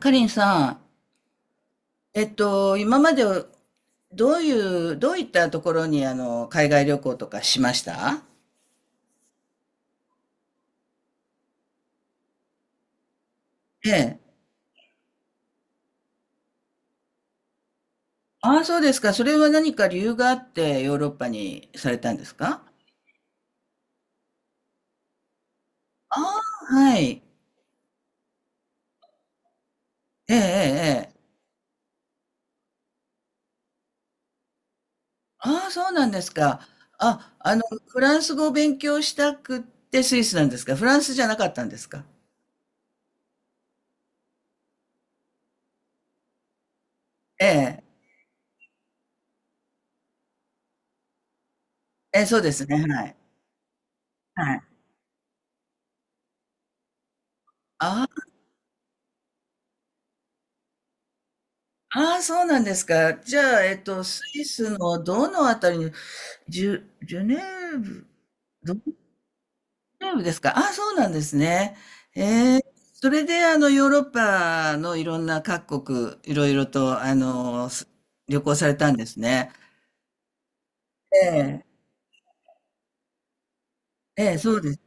かりんさん、今までどういったところに海外旅行とかしました。ええ。ああ、そうですか。それは何か理由があってヨーロッパにされたんですか？ああ、はい。ええ、ええ、ええ。ああ、そうなんですか。あ、あの、フランス語を勉強したくってスイスなんですか？フランスじゃなかったんですか？ええ、ええ、そうですね。はい。はい。あああそうなんですか。じゃあ、スイスのどのあたりに、ジュネーブ、どこジュネーブですか。あ、そうなんですね。えー、それでヨーロッパのいろんな各国、いろいろと旅行されたんですね。ええ、ええ、そうです。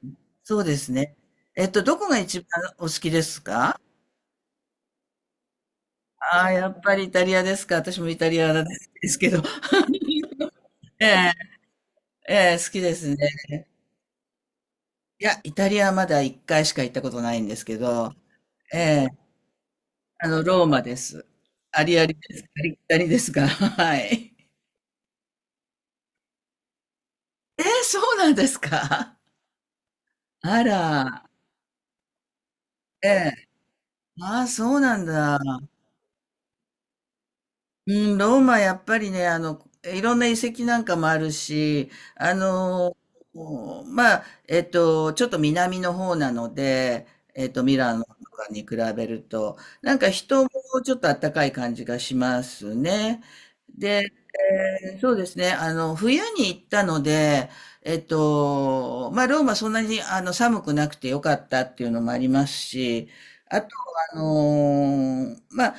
そうですね。えっと、どこが一番お好きですか？ああ、やっぱりイタリアですか。私もイタリアなんですけど。ええ、ええ、好きですね。いや、イタリアまだ一回しか行ったことないんですけど、ええ。あの、ローマです。ありきたりですが、はい。えー、そうなんですか。あら、ええ、ああ、そうなんだ。うん、ローマやっぱりね、いろんな遺跡なんかもあるし、あの、もうまあ、ちょっと南の方なので、ミラノとかに比べると、なんか人もちょっと暖かい感じがしますね。で、えー、そうですね、冬に行ったので、まあ、ローマそんなに寒くなくてよかったっていうのもありますし、あと、あのーまあ、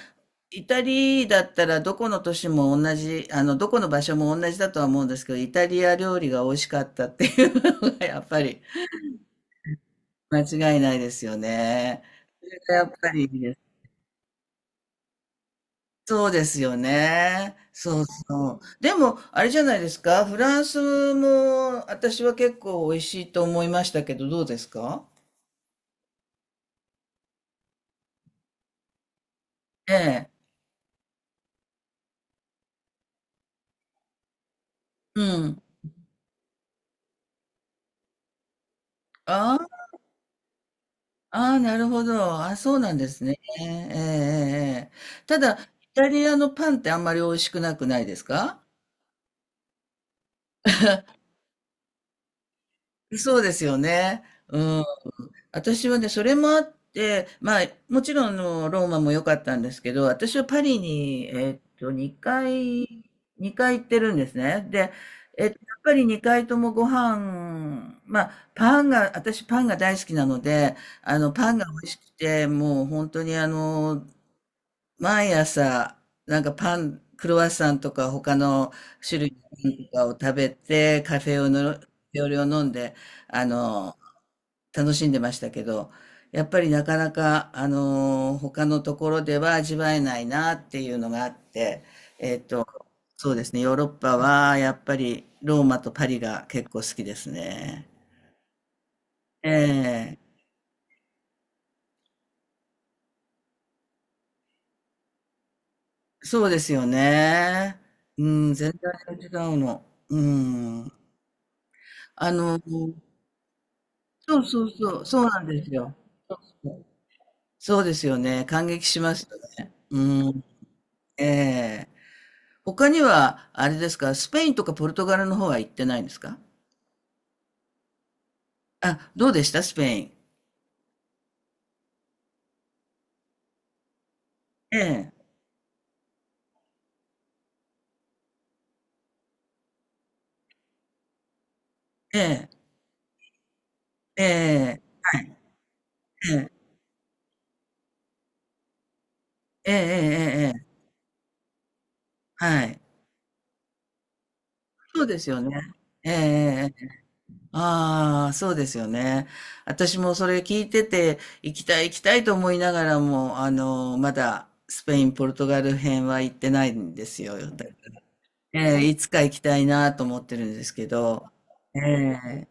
イタリだったらどこの都市も同じ、どこの場所も同じだとは思うんですけど、イタリア料理が美味しかったっていうのがやっぱり間違いないですよね。それがやっぱりいいです。そうですよね。そうそう。でも、あれじゃないですか、フランスも私は結構美味しいと思いましたけど、どうですか？ええ。うん。ああ、ああ、なるほど。あ、そうなんですね。ええええええ。ただ、イタリアのパンってあんまり美味しくなくないですか？そうですよね。うん。私はね、それもあって、まあ、もちろんあのローマも良かったんですけど、私はパリに、2回、2回行ってるんですね。で、やっぱり2回ともご飯、まあ、パンが、私パンが大好きなので、パンが美味しくて、もう本当に毎朝、なんかパン、クロワッサンとか他の種類のパンとかを食べて、カフェオレの、料理オを飲んで、あの、楽しんでましたけど、やっぱりなかなか、他のところでは味わえないなっていうのがあって、えっと、そうですね、ヨーロッパはやっぱりローマとパリが結構好きですね。ええ、そうですよね。うん、全然違うの。うん。あの、そうそうそう、そうなんですよ。そうそう。そうですよね。感激しますよね。うん。ええ。他には、あれですか、スペインとかポルトガルの方は行ってないんですか？あ、どうでした？スペイン。ええ、ええ、ええ、ええ、ええええええええ。はい。そうですよね。ええええええ、あ、そうですよね。ええええ、ああそうですよね、私もそれ聞いてて、行きたい行きたいと思いながらも、まだスペイン、ポルトガル編は行ってないんですよ。ええ、いつか行きたいなと思ってるんですけど。ええ。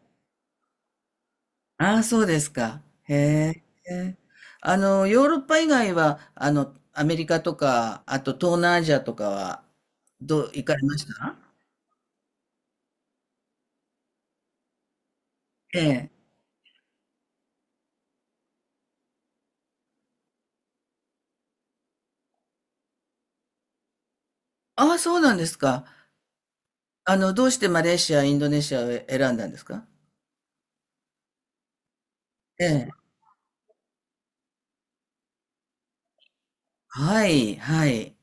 ああ、そうですか。へえ。ヨーロッパ以外は、アメリカとか、あと東南アジアとかは、どう、行かれました？ええ。ああ、そうなんですか。どうしてマレーシア、インドネシアを選んだんですか？ええ。はい、はい。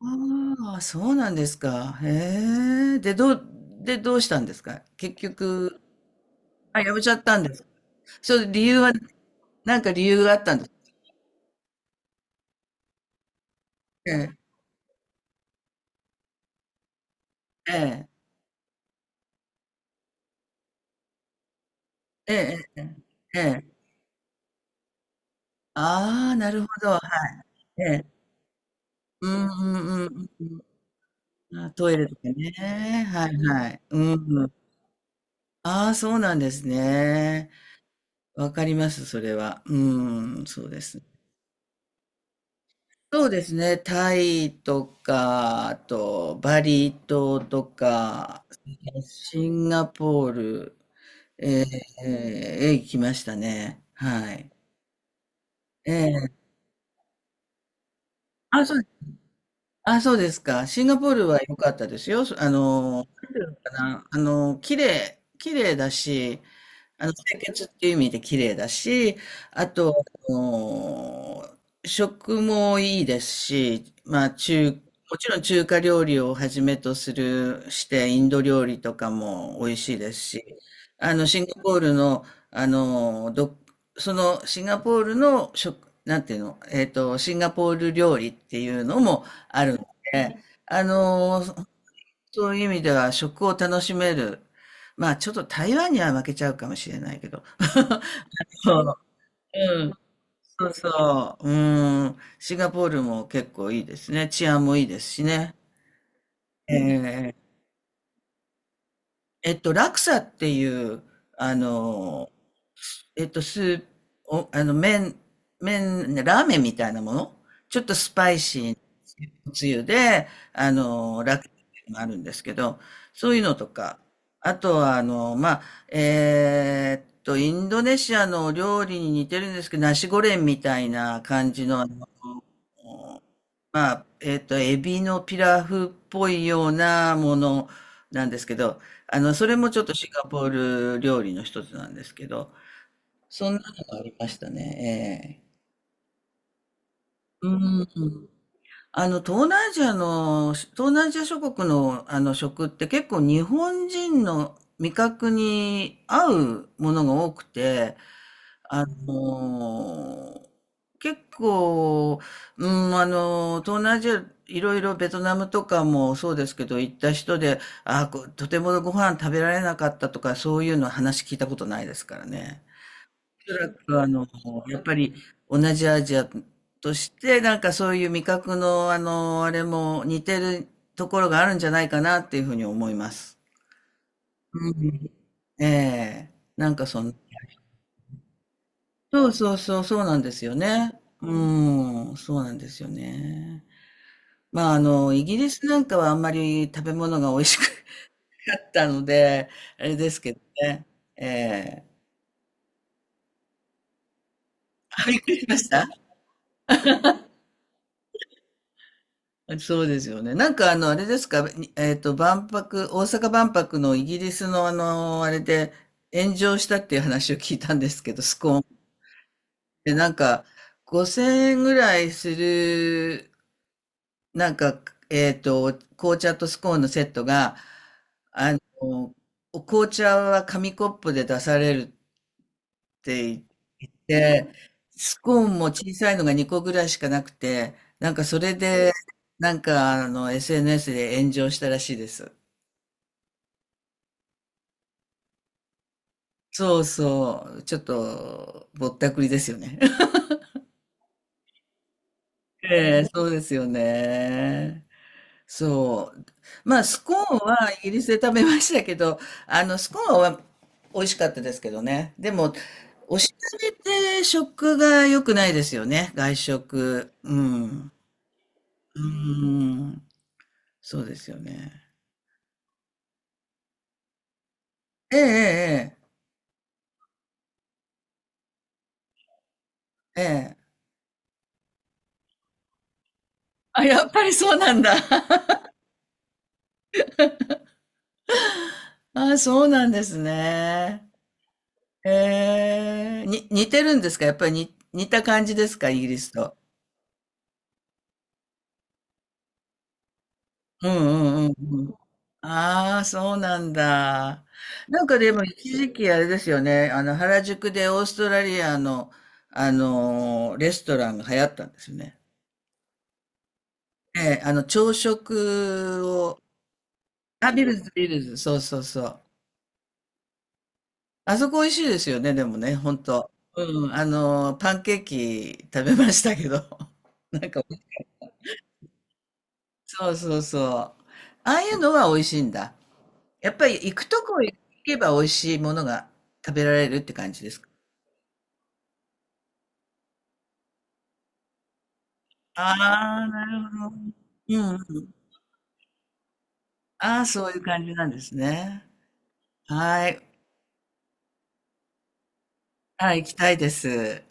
ああ、そうなんですか。へえ。で、どうしたんですか、結局？あ、やめちゃったんですか？それ理由は、なんか理由があったんです。ええ、ええ、ええええええ、ええええ。ああ、なるほど、はい、ええ。うんうんうんうんうん。あ、トイレとかね、はいはい。うんうん。ああ、そうなんですね。わかります、それは。うん、そうです。そうですね、タイとか、あとバリ島とか、シンガポール、ええ、えー行きましたね。はい。ええ。あ、そう、あ、そうですか。シンガポールは良かったですよ。そあの、なんていうのかな。あの、綺麗だし、清潔っていう意味で綺麗だし、あと、あの食もいいですし、まあ中、もちろん中華料理をはじめとするして、インド料理とかも美味しいですし、あの、シンガポールの、あのど、そのシンガポールの食、なんていうの、シンガポール料理っていうのもあるので、あの、そういう意味では食を楽しめる。まあちょっと台湾には負けちゃうかもしれないけど。そう。うん。そうそう。うん。シンガポールも結構いいですね。治安もいいですしね。ええ、ラクサっていう、あの、スープ、お、あの、麺、麺、ラーメンみたいなもの、ちょっとスパイシーなつゆで、ラクメもあるんですけど、そういうのとか、あとは、あの、まあ、インドネシアの料理に似てるんですけど、ナシゴレンみたいな感じの、まあ、エビのピラフっぽいようなものなんですけど、それもちょっとシンガポール料理の一つなんですけど、そんなのがありましたね。ええ、うん。東南アジア諸国の、あの食って結構日本人の味覚に合うものが多くて、あの結構、うん、東南アジア、いろいろベトナムとかもそうですけど、行った人で、あーことてもご飯食べられなかったとか、そういうの話聞いたことないですからね。おそらくやっぱり同じアジアとして、なんかそういう味覚のあの、あれも似てるところがあるんじゃないかなっていうふうに思います。うん。ええ、なんかその、そうそうそう、そうなんですよね。うん、そうなんですよね。まああの、イギリスなんかはあんまり食べ物が美味しくなかったので、あれですけどね。ええ、あ、びっくりしました。あ、そうですよね。なんかあの、あれですか、にえっと、万博、大阪万博のイギリスのあの、あれで炎上したっていう話を聞いたんですけど、スコーン。で、なんか、5000円ぐらいする、なんか、紅茶とスコーンのセットが、あの、お紅茶は紙コップで出されるって、で、スコーンも小さいのが2個ぐらいしかなくて、なんかそれで、なんかあの SNS で炎上したらしいです。そうそう、ちょっとぼったくりですよね。ええ、そうですよね。そう。まあ、スコーンはイギリスで食べましたけど、あの、スコーンは美味しかったですけどね。でも、おしゃれで食が良くないですよね。外食。うん。うん。そうですよね。ええ、ええ、ええ。あ、やっぱりそうなんだ。あ、そうなんですね。ええ、似てるんですか？やっぱりに似た感じですか？イギリスと。うんうんうんうん。ああ、そうなんだ。なんかでも一時期あれですよね。原宿でオーストラリアの、レストランが流行ったんですよね。ええ、朝食を、ビルズ、そうそうそう。あそこ美味しいですよね、でもね、ほんと。うん、パンケーキ食べましたけど。なんか、そうそうそう。ああいうのは美味しいんだ。やっぱり行くとこ行けば、美味しいものが食べられるって感じですか？ああ、なるほど。うんうん。ああ、そういう感じなんですね。はい。はい、行きたいです。